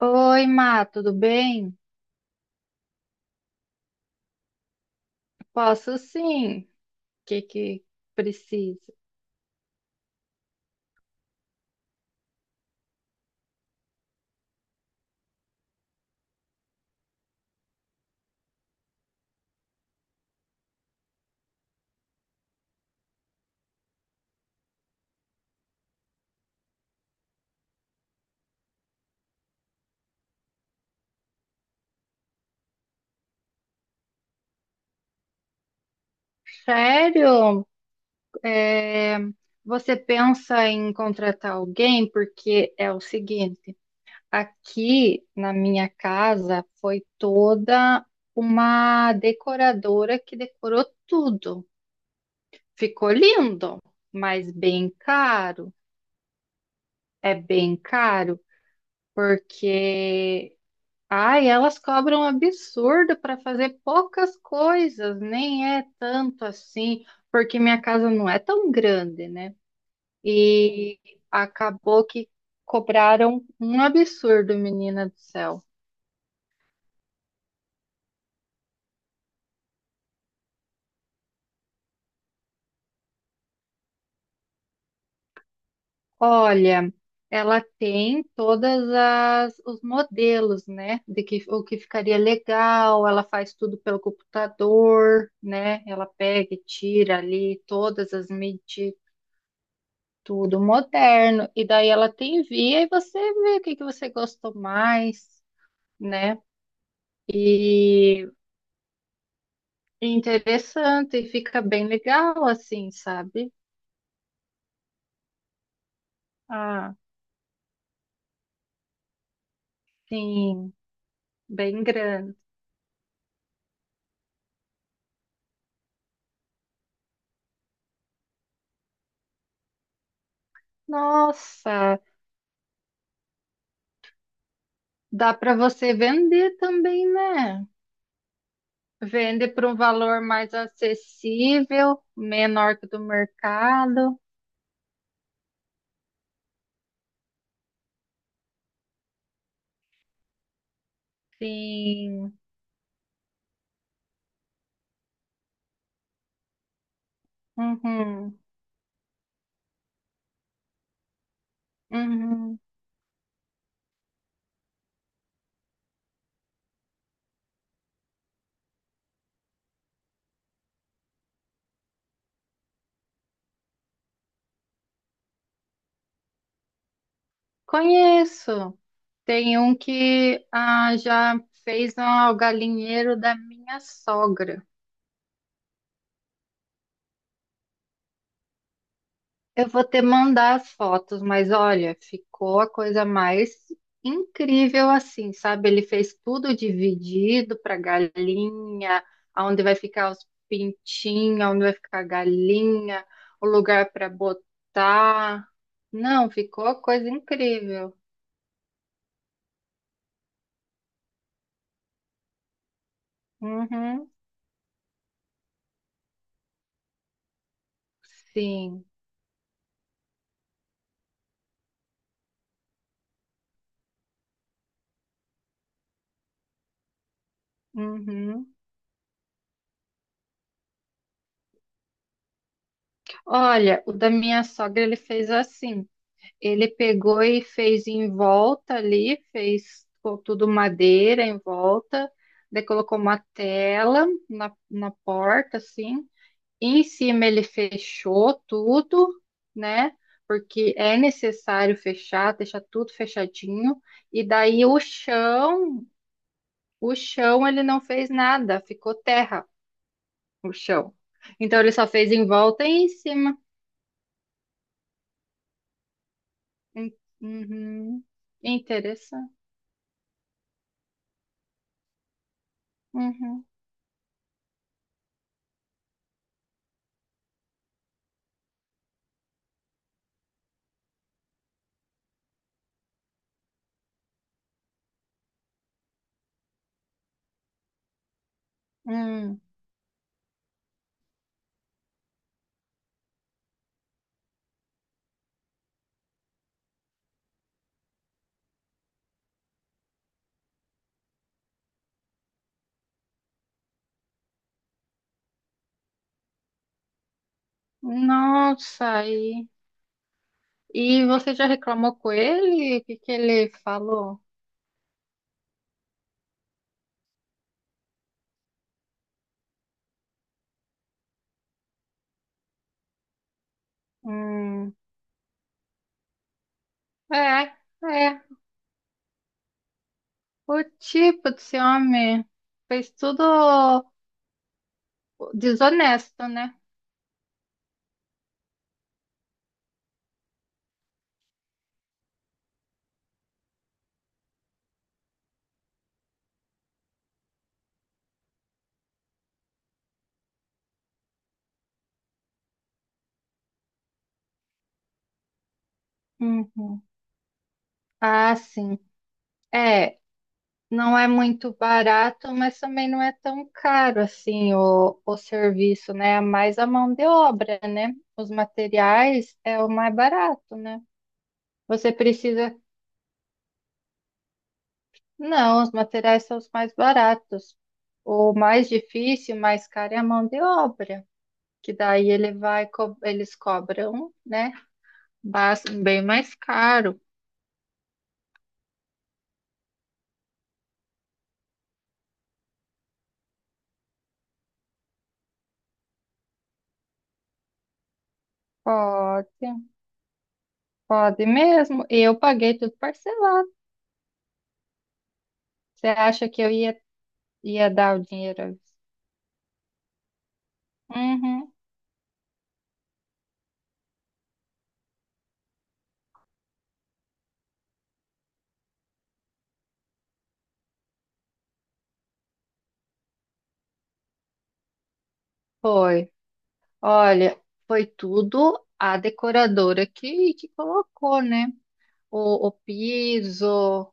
Oi, Má, tudo bem? Posso sim. O que precisa? Sério? É, você pensa em contratar alguém? Porque é o seguinte, aqui na minha casa foi toda uma decoradora que decorou tudo. Ficou lindo, mas bem caro. É bem caro porque Ai, elas cobram absurdo para fazer poucas coisas, nem é tanto assim, porque minha casa não é tão grande, né? E acabou que cobraram um absurdo, menina do céu. Olha, ela tem todas as os modelos, né? De que o que ficaria legal, ela faz tudo pelo computador, né? Ela pega e tira ali todas as medidas, tudo moderno. E daí ela te envia e você vê o que você gostou mais, né? E é interessante, e fica bem legal assim, sabe? Ah, sim, bem grande. Nossa, dá para você vender também, né? Vende por um valor mais acessível, menor que o do mercado. Sim. Uhum, uhum. Conheço. Tem um que já fez um galinheiro da minha sogra. Eu vou te mandar as fotos, mas olha, ficou a coisa mais incrível assim, sabe? Ele fez tudo dividido para galinha, aonde vai ficar os pintinhos, aonde vai ficar a galinha, o lugar para botar. Não, ficou a coisa incrível. Uhum, sim. Uhum. Olha, o da minha sogra ele fez assim. Ele pegou e fez em volta ali, tudo madeira em volta, daí colocou uma tela na porta, assim. Em cima ele fechou tudo, né? Porque é necessário fechar, deixar tudo fechadinho. E daí o chão ele não fez nada, ficou terra o chão. Então ele só fez em volta e em cima. Hum. Uhum. Interessante. Uhum. Hum. Nossa, e você já reclamou com ele? O que que ele falou? Hum, é, é. O tipo desse homem fez tudo desonesto, né? Uhum. Ah, sim. É, não é muito barato, mas também não é tão caro assim o serviço, né? É mais a mão de obra, né? Os materiais é o mais barato, né? Você precisa Não, os materiais são os mais baratos. O mais difícil, mais caro é a mão de obra, que daí ele vai, eles cobram, né? Bem mais caro. Pode, pode mesmo. E eu paguei tudo parcelado. Você acha que ia dar o dinheiro? Uhum, foi. Olha, foi tudo a decoradora que colocou, né? O piso.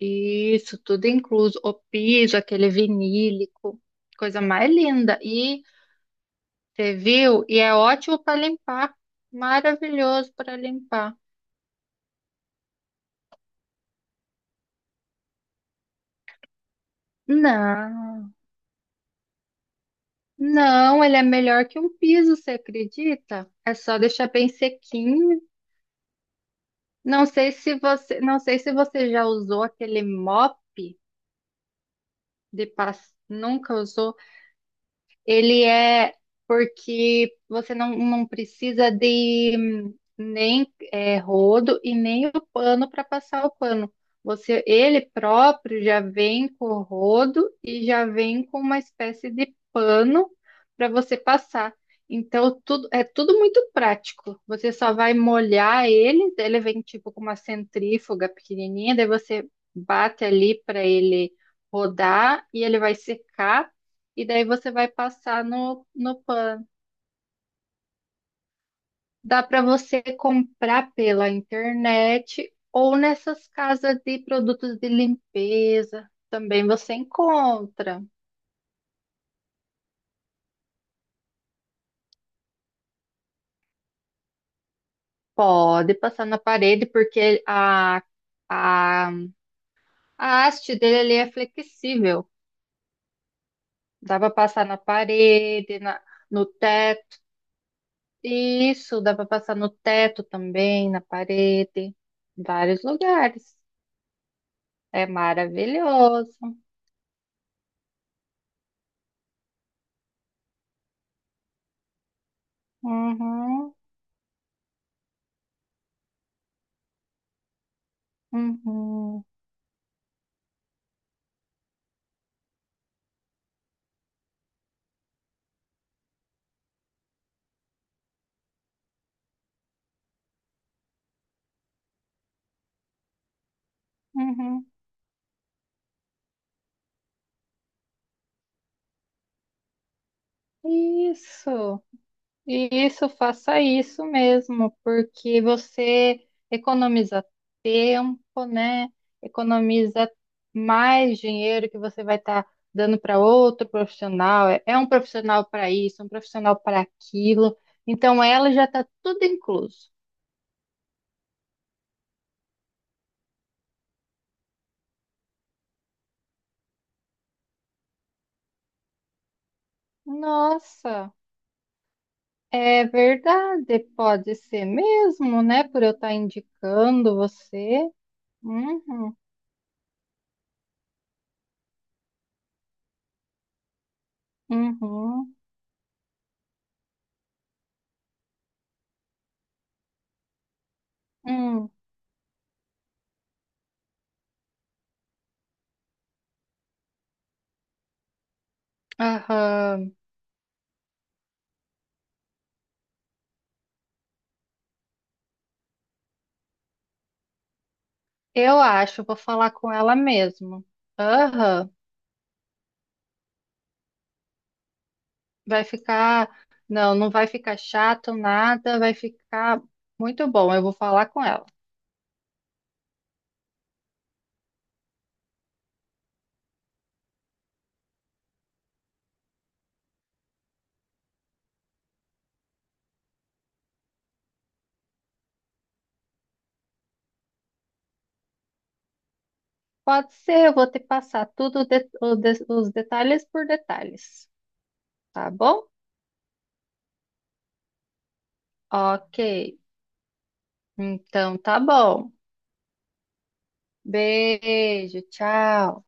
Isso, tudo incluso. O piso, aquele vinílico, coisa mais linda. E você viu? E é ótimo para limpar. Maravilhoso para limpar. Não, não, ele é melhor que um piso, você acredita? É só deixar bem sequinho. Não sei se você já usou aquele mop... Nunca usou? Ele é Porque você não precisa de nem é, rodo e nem o pano para passar o pano. Você, ele próprio já vem com o rodo e já vem com uma espécie de pano para você passar. Então, tudo, é tudo muito prático. Você só vai molhar ele, daí ele vem tipo com uma centrífuga pequenininha, daí você bate ali para ele rodar e ele vai secar e daí você vai passar no PAN. Dá para você comprar pela internet ou nessas casas de produtos de limpeza. Também você encontra. Pode passar na parede, porque a, a haste dele ali é flexível. Dá para passar na parede, no teto. Isso, dá para passar no teto também, na parede. Em vários lugares. É maravilhoso. Uhum. Uhum, uhum. Isso, isso, faça isso mesmo, porque você economiza tempo, né? Economiza mais dinheiro que você vai estar dando para outro profissional. É um profissional para isso, um profissional para aquilo. Então, ela já está tudo incluso. Nossa, é verdade, pode ser mesmo, né? Por eu estar indicando você. Uhum, uhum. Hum, aham. Eu acho, vou falar com ela mesmo. Aham. Vai ficar. Não, não vai ficar chato, nada, vai ficar muito bom. Eu vou falar com ela. Pode ser, eu vou te passar tudo de- o de- os detalhes por detalhes. Tá bom? Ok. Então tá bom. Beijo, tchau.